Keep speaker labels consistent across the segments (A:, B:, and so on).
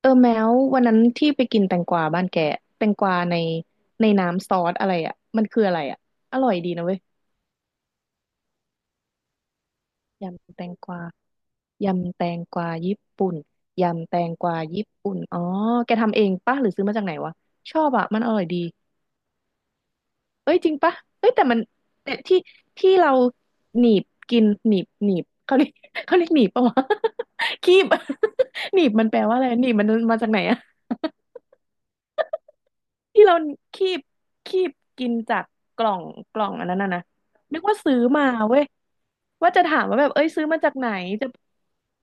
A: เออแมววันนั้นที่ไปกินแตงกวาบ้านแกแตงกวาในในน้ำซอสอะไรอ่ะมันคืออะไรอ่ะอร่อยดีนะเว้ยยำแตงกวายำแตงกวาญี่ปุ่นยำแตงกวาญี่ปุ่นอ๋อแกทำเองปะหรือซื้อมาจากไหนวะชอบอ่ะมันอร่อยดีเอ้ยจริงปะเอ้ยแต่มันแต่ที่ที่เราหนีบกินหนีบหนีบเขาเรียกเขาเรียกหนีบปะวะ คีบ หนีบมันแปลว่าอะไรหนีบมันมาจากไหนอ่ะ ที่เราคีบคีบกินจากกล่องกล่องอันนั้นน่ะนะนึกว่าซื้อมาเว้ยว่าจะถามว่าแบบเอ้ยซื้อมาจากไหนจะ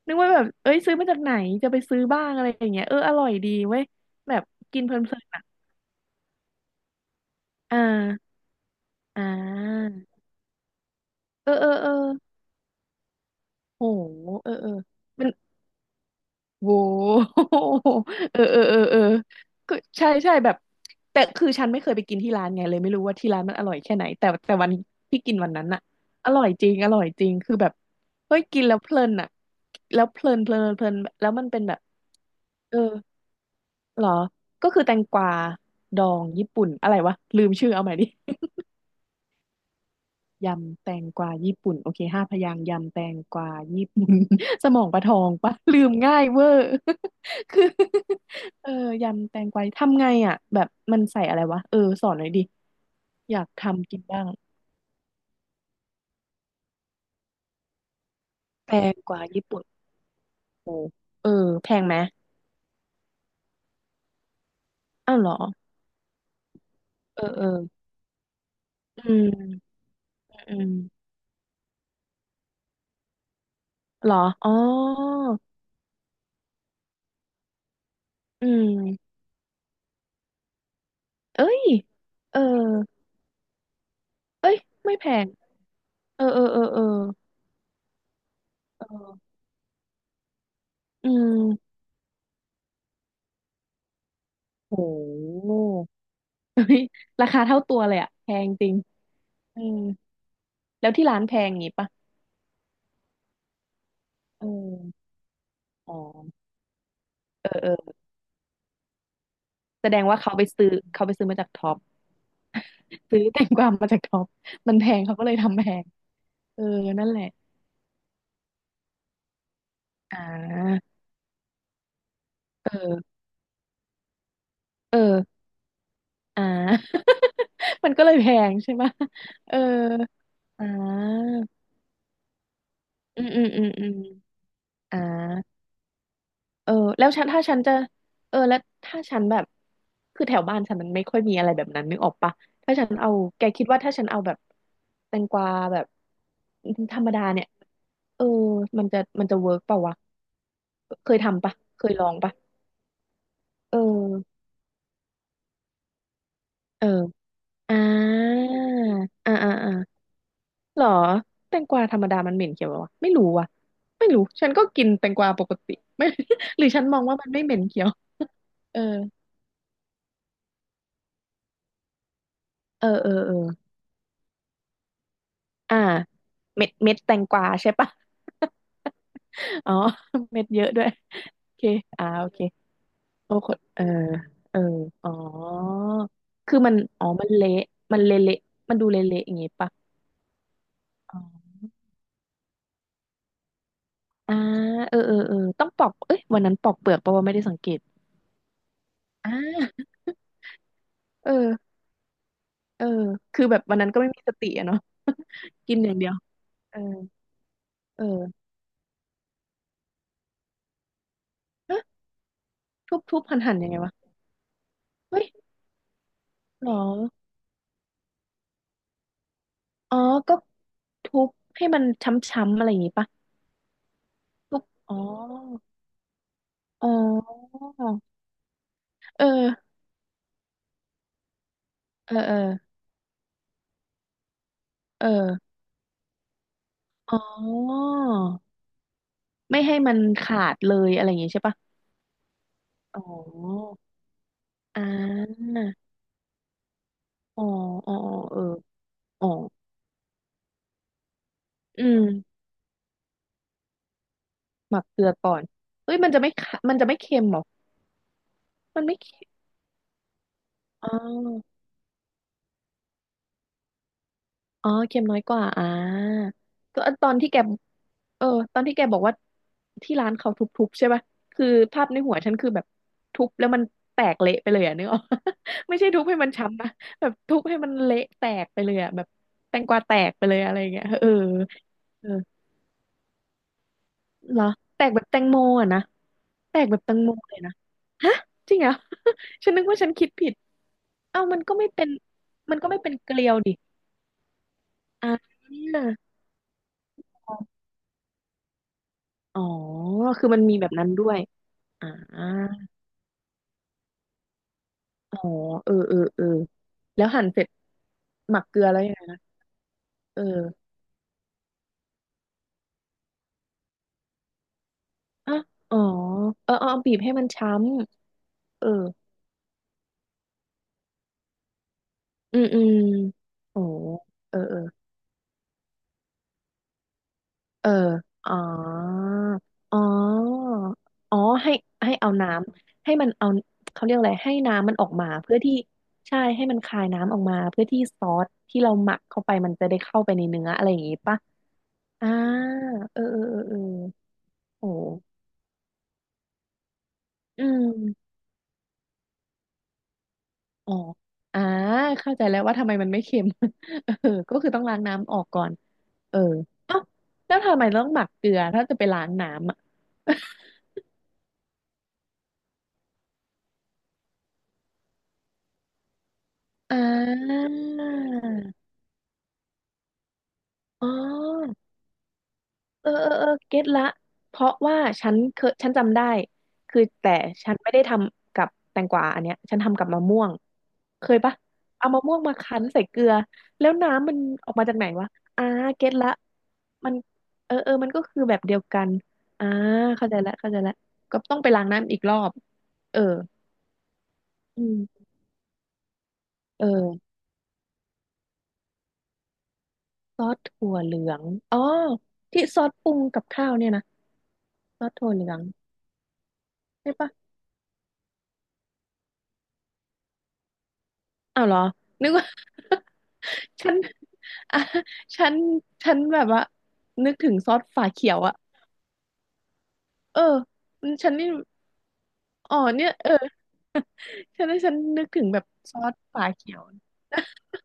A: นึกว่าแบบเอ้ยซื้อมาจากไหนจะไปซื้อบ้างอะไรอย่างเงี้ยเอออร่อยดีเว้ยแบบกินเพลินๆอ่ะอ่าอ่าเออเออเออโหเออเออมัน โว้ เออเออเออเออก็ใช่ใช่แบบแต่คือฉันไม่เคยไปกินที่ร้านไงเลยไม่รู้ว่าที่ร้านมันอร่อยแค่ไหนแต่แต่วันที่กินวันนั้นน่ะอร่อยจริงอร่อยจริงคือแบบเฮ้ยกินแล้วเพลินอ่ะแล้วเพลินเพลินเพลินแล้วมันเป็นแบบเออเหรอก็คือแตงกวาดองญี่ปุ่นอะไรวะลืมชื่อเอาใหม่ดิ ยำแตงกวาญี่ปุ่นโอเคห้าพยางค์ยำแตงกวาญี่ปุ่น สมองปลาทองปะ ลืมง่ายเวอร์ คือ เออยำแตงกวาทำไงอ่ะแบบมันใส่อะไรวะเออสอนหน่อยดิอยากทำกินบ้างแตงกวาญี่ปุ่นโอ้เออแพงไหมอ้าวเหรอเออเอออืมอืมเหรออ๋ออืมเอ้ยเออเอ้ยไม่แพงเออเออเออเออเอออืมโห ราคาเท่าตัวเลยอะแพงจริงเออแล้วที่ร้านแพงงี้ปะเอออ๋อเออเออแสดงว่าเขาไปซื้อเขาไปซื้อมาจากท็อปซื้อแตงกวามาจากท็อป มันแพงเขาก็เลยทำแพงเออนั่นแหละอ่าเออเอออ่า มันก็เลยแพงใช่ปะเอออ่าอืมอืมอืมอืมอ่า เออแล้วฉันถ้าฉันจะเออแล้วถ้าฉันแบบคือแถวบ้านฉันมันไม่ค่อยมีอะไรแบบนั้นนึกออกปะถ้าฉันเอาแกคิดว่าถ้าฉันเอาแบบแตงกวาแบบธรรมดาเนี่ยเออมันจะมันจะเวิร์กเปล่าวะเคยทำปะเคยลองปะเออเอออ่าอ่าอ่าอ่าหรอแตงกวาธรรมดามันเหม็นเขียวเหรอวะไม่รู้ว่ะไม่รู้ฉันก็กินแตงกวาปกติไม่ หรือฉันมองว่ามันไม่เหม็นเขียวเออเออเออเออ อ่าเม็ดเม็ดแตงกวาใช่ปะ อ๋อเม็ดเยอะด้วยโอเคอ่าโอเคโอ้คนเออเอออ๋อคือมันอ๋อมันเละมันเละเละมันดูเละเละอย่างงี้ปะอ๋ออ่าเออเออเออต้องปอกเอ้ยวันนั้นปอกเปลือกเพราะว่าไม่ได้สังเกตอ่าเออเออคือแบบวันนั้นก็ไม่มีสติอะเนาะกินอย่างเดียวเออเออฮะทุบทุบหันหันยังไงวะเฮ้ยหรออ๋อก็ทุบให้มันช้ำๆอะไรอย่างงี้ปะ พวกอ๋ออ๋อเออเออเออเอออ๋อไม่ให้มันขาดเลยอะไรอย่างงี้ใช่ปะอ๋ออ่าอ๋อ อ๋อเอออ๋อ อืมหมักเกลือก่อน เฮ้ยมันจะไม่ขามันจะไม่เค็มเหรอมันไม่เค็มอ๋อ อ๋อเค็มน้อยกว่าอ่าก็ตอนที่แก เออตอนที่แกบอกว่าที่ร้านเขาทุบๆใช่ป่ะคือภาพในหัวฉันคือแบบทุบแล้วมันแตกเละไปเลยอ่ะนึกออก ไม่ใช่ทุบให้มันช้ำนะแบบทุบให้มันเละแตกไปเลยอ่ะแบบแตงกวาแตกไปเลยอะไรอย่างเงี้ยเออเออเหรอแตกแบบแตงโมอ่ะนะแตกแบบแตงโมเลยนะฮะจริงเหรอ ฉันนึกว่าฉันคิดผิดเอ้ามันก็ไม่เป็นมันก็ไม่เป็นเกลียวดิอ่าอ๋อคือมันมีแบบนั้นด้วยอ่า อ๋อ เออ เออ เออแล้วหั่นเสร็จหมักเกลือแล้วยังไงนะเอออ่ะอ๋อเออ เอาเอาบีบให้มันช้ำเอออืมอืมโอ้เออ เออ เอออ๋ออ๋อ อ๋อให้ให้เอาน้ำให้มันเอาเขาเรียกอะไรให้น้ำมันออกมาเพื่อที่ใช่ให้มันคายน้ำออกมาเพื่อที่ซอสที่เราหมักเข้าไปมันจะได้เข้าไปในเนื้ออะไรอย่างงี้ปะอ่าเออเออเออเออโอ้อืม อ๋ออ่าเข้าใจแล้วว่าทำไมมันไม่เค็ม เออก็คือต้องล้างน้ำออกก่อน เออเอ้าแล้วทำไมต้องหมักเกลือถ้าจะไปล้างน้ำอ่ะ อ่าอ๋อ เออเออเออเก็ตละเพราะว่าฉันเคยฉันจำได้คือแต่ฉันไม่ได้ทำกับแตงกวาอันเนี้ยฉันทำกับมะม่วงเคยปะเอามะม่วงมาคั้นใส่เกลือแล้วน้ำมันออกมาจากไหนวะอ่าเก็ตละมันเออเออมันก็คือแบบเดียวกันอ่าเข้าใจละเข้าใจละก็ต้องไปล้างน้ำอีกรอบเอออืมเออซอสถั่วเหลืองอ๋อที่ซอสปรุงกับข้าวเนี่ยนะซอสถั่วเหลืองใช่ปะ อ้าวเหรอนึกว่า ฉันอ่ะฉันฉันแบบว่านึกถึงซอสฝาเขียวอะเออฉันนี่อ๋อเนี่ยเออฉันนึกถึงแบบซอสฝาเขียว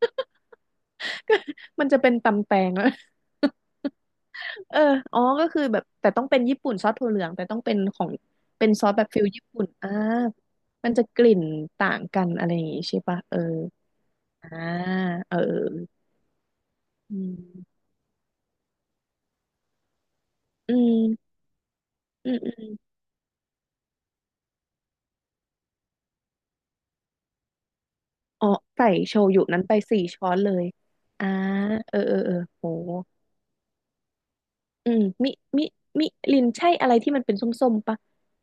A: มันจะเป็นตำแตงแล้ว เอออ๋อก็คือแบบแต่ต้องเป็นญี่ปุ่นซอสถั่วเหลืองแต่ต้องเป็นของเป็นซอสแบบฟิลญี่ปุ่นอ่ามันจะกลิ่นต่างกันอะไรอย่างงี้ใช่ปะเอออ่าเอออืมอืมอืม อ๋อใส่โชยุนั้นไปสี่ช้อนเลยอ่าเออเออเออโหอืมมิมิลินใช่อะไรที่มันเป็นส้มๆปะ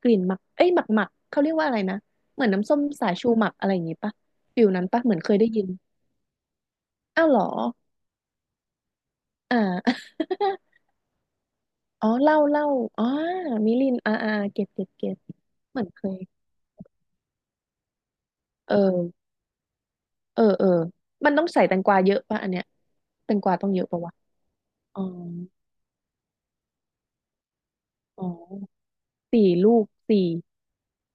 A: กลิ่นหมักเอ้ยหมักเขาเรียกว่าอะไรนะเหมือนน้ำส้มสายชูหมักอะไรอย่างงี้ปะฟิลนั้นปะเหมือนเคยได้ยินอ้าวเหรออ่า อ๋อเหล้าเหล้าอ๋อมิลินอ่าอ่าเก็บเหมือนเคยเออเออเออมันต้องใส่แตงกวาเยอะปะอันเนี้ยแตงกวาต้องเยอะปะวะอ๋ออ๋อ สี่ลูกสี่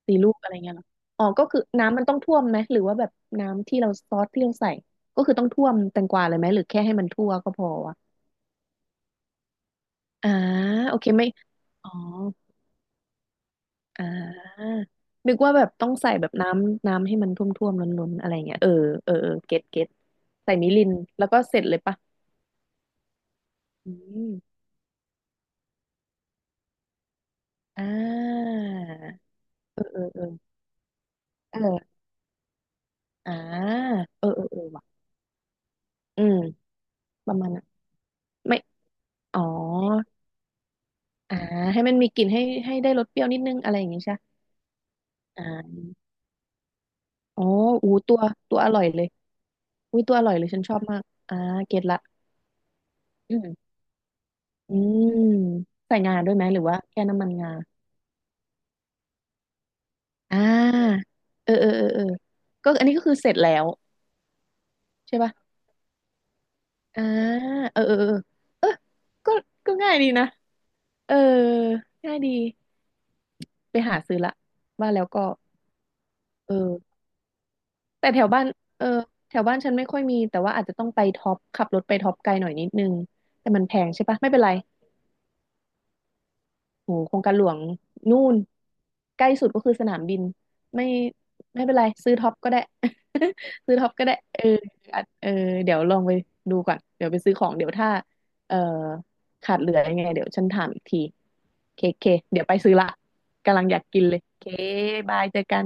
A: สี่ลูกอะไรเงี้ยเหรออ๋อก็คือน้ำมันต้องท่วมไหมหรือว่าแบบน้ำที่เราซอสที่เราใส่ก็คือต้องท่วมแตงกวาเลยไหมหรือแค่ให้มันทั่วก็พอวะอ่าโอเคไม่อ๋ออ่านึกว่าแบบต้องใส่แบบน้ำให้มันท่วมๆล้นๆอะไรเงี้ยเออเออเออเก็ตใส่มิรินแล้วก็เสร็จเลยปะอืมอ่าเออเออเออเอออ่าเออเออเออว่ะอืมประมาณนั้นไม่อ๋อ อ่าให้มันมีกลิ่นให้ได้รสเปรี้ยวนิดนึงอะไรอย่างงี้ใช่ปะอ่าอ๋ออูตัวตัวอร่อยเลยอุ้ยตัวอร่อยเลยฉันชอบมากอ่าเก็ตละอืมอืมใส่งาด้วยไหมหรือว่าแค่น้ำมันงาอ่าเออเออเออเออก็อันนี้ก็คือเสร็จแล้วใช่ป่ะอ่าเออเออเออเออก็ก็ง่ายดีนะเออง่ายดีไปหาซื้อละว่าแล้วก็เออ แต่แถวบ้านเออแถวบ้านฉันไม่ค่อยมีแต่ว่าอาจจะต้องไปท็อปขับรถไปท็อปไกลหน่อยนิดนึงแต่มันแพงใช่ปะไม่เป็นไรโหโครงการหลวงนู่นใกล้สุดก็คือสนามบินไม่ไม่เป็นไรซื้อท็อปก็ได้ ซื้อท็อปก็ได้เอออาจเออเดี๋ยวลองไปดูก่อนเดี๋ยวไปซื้อของเดี๋ยวถ้าเออขาดเหลือยังไงเดี๋ยวฉันถามอีกทีเคเคเดี๋ยวไปซื้อละกำลังอยากกินเลยเคบายเจอกัน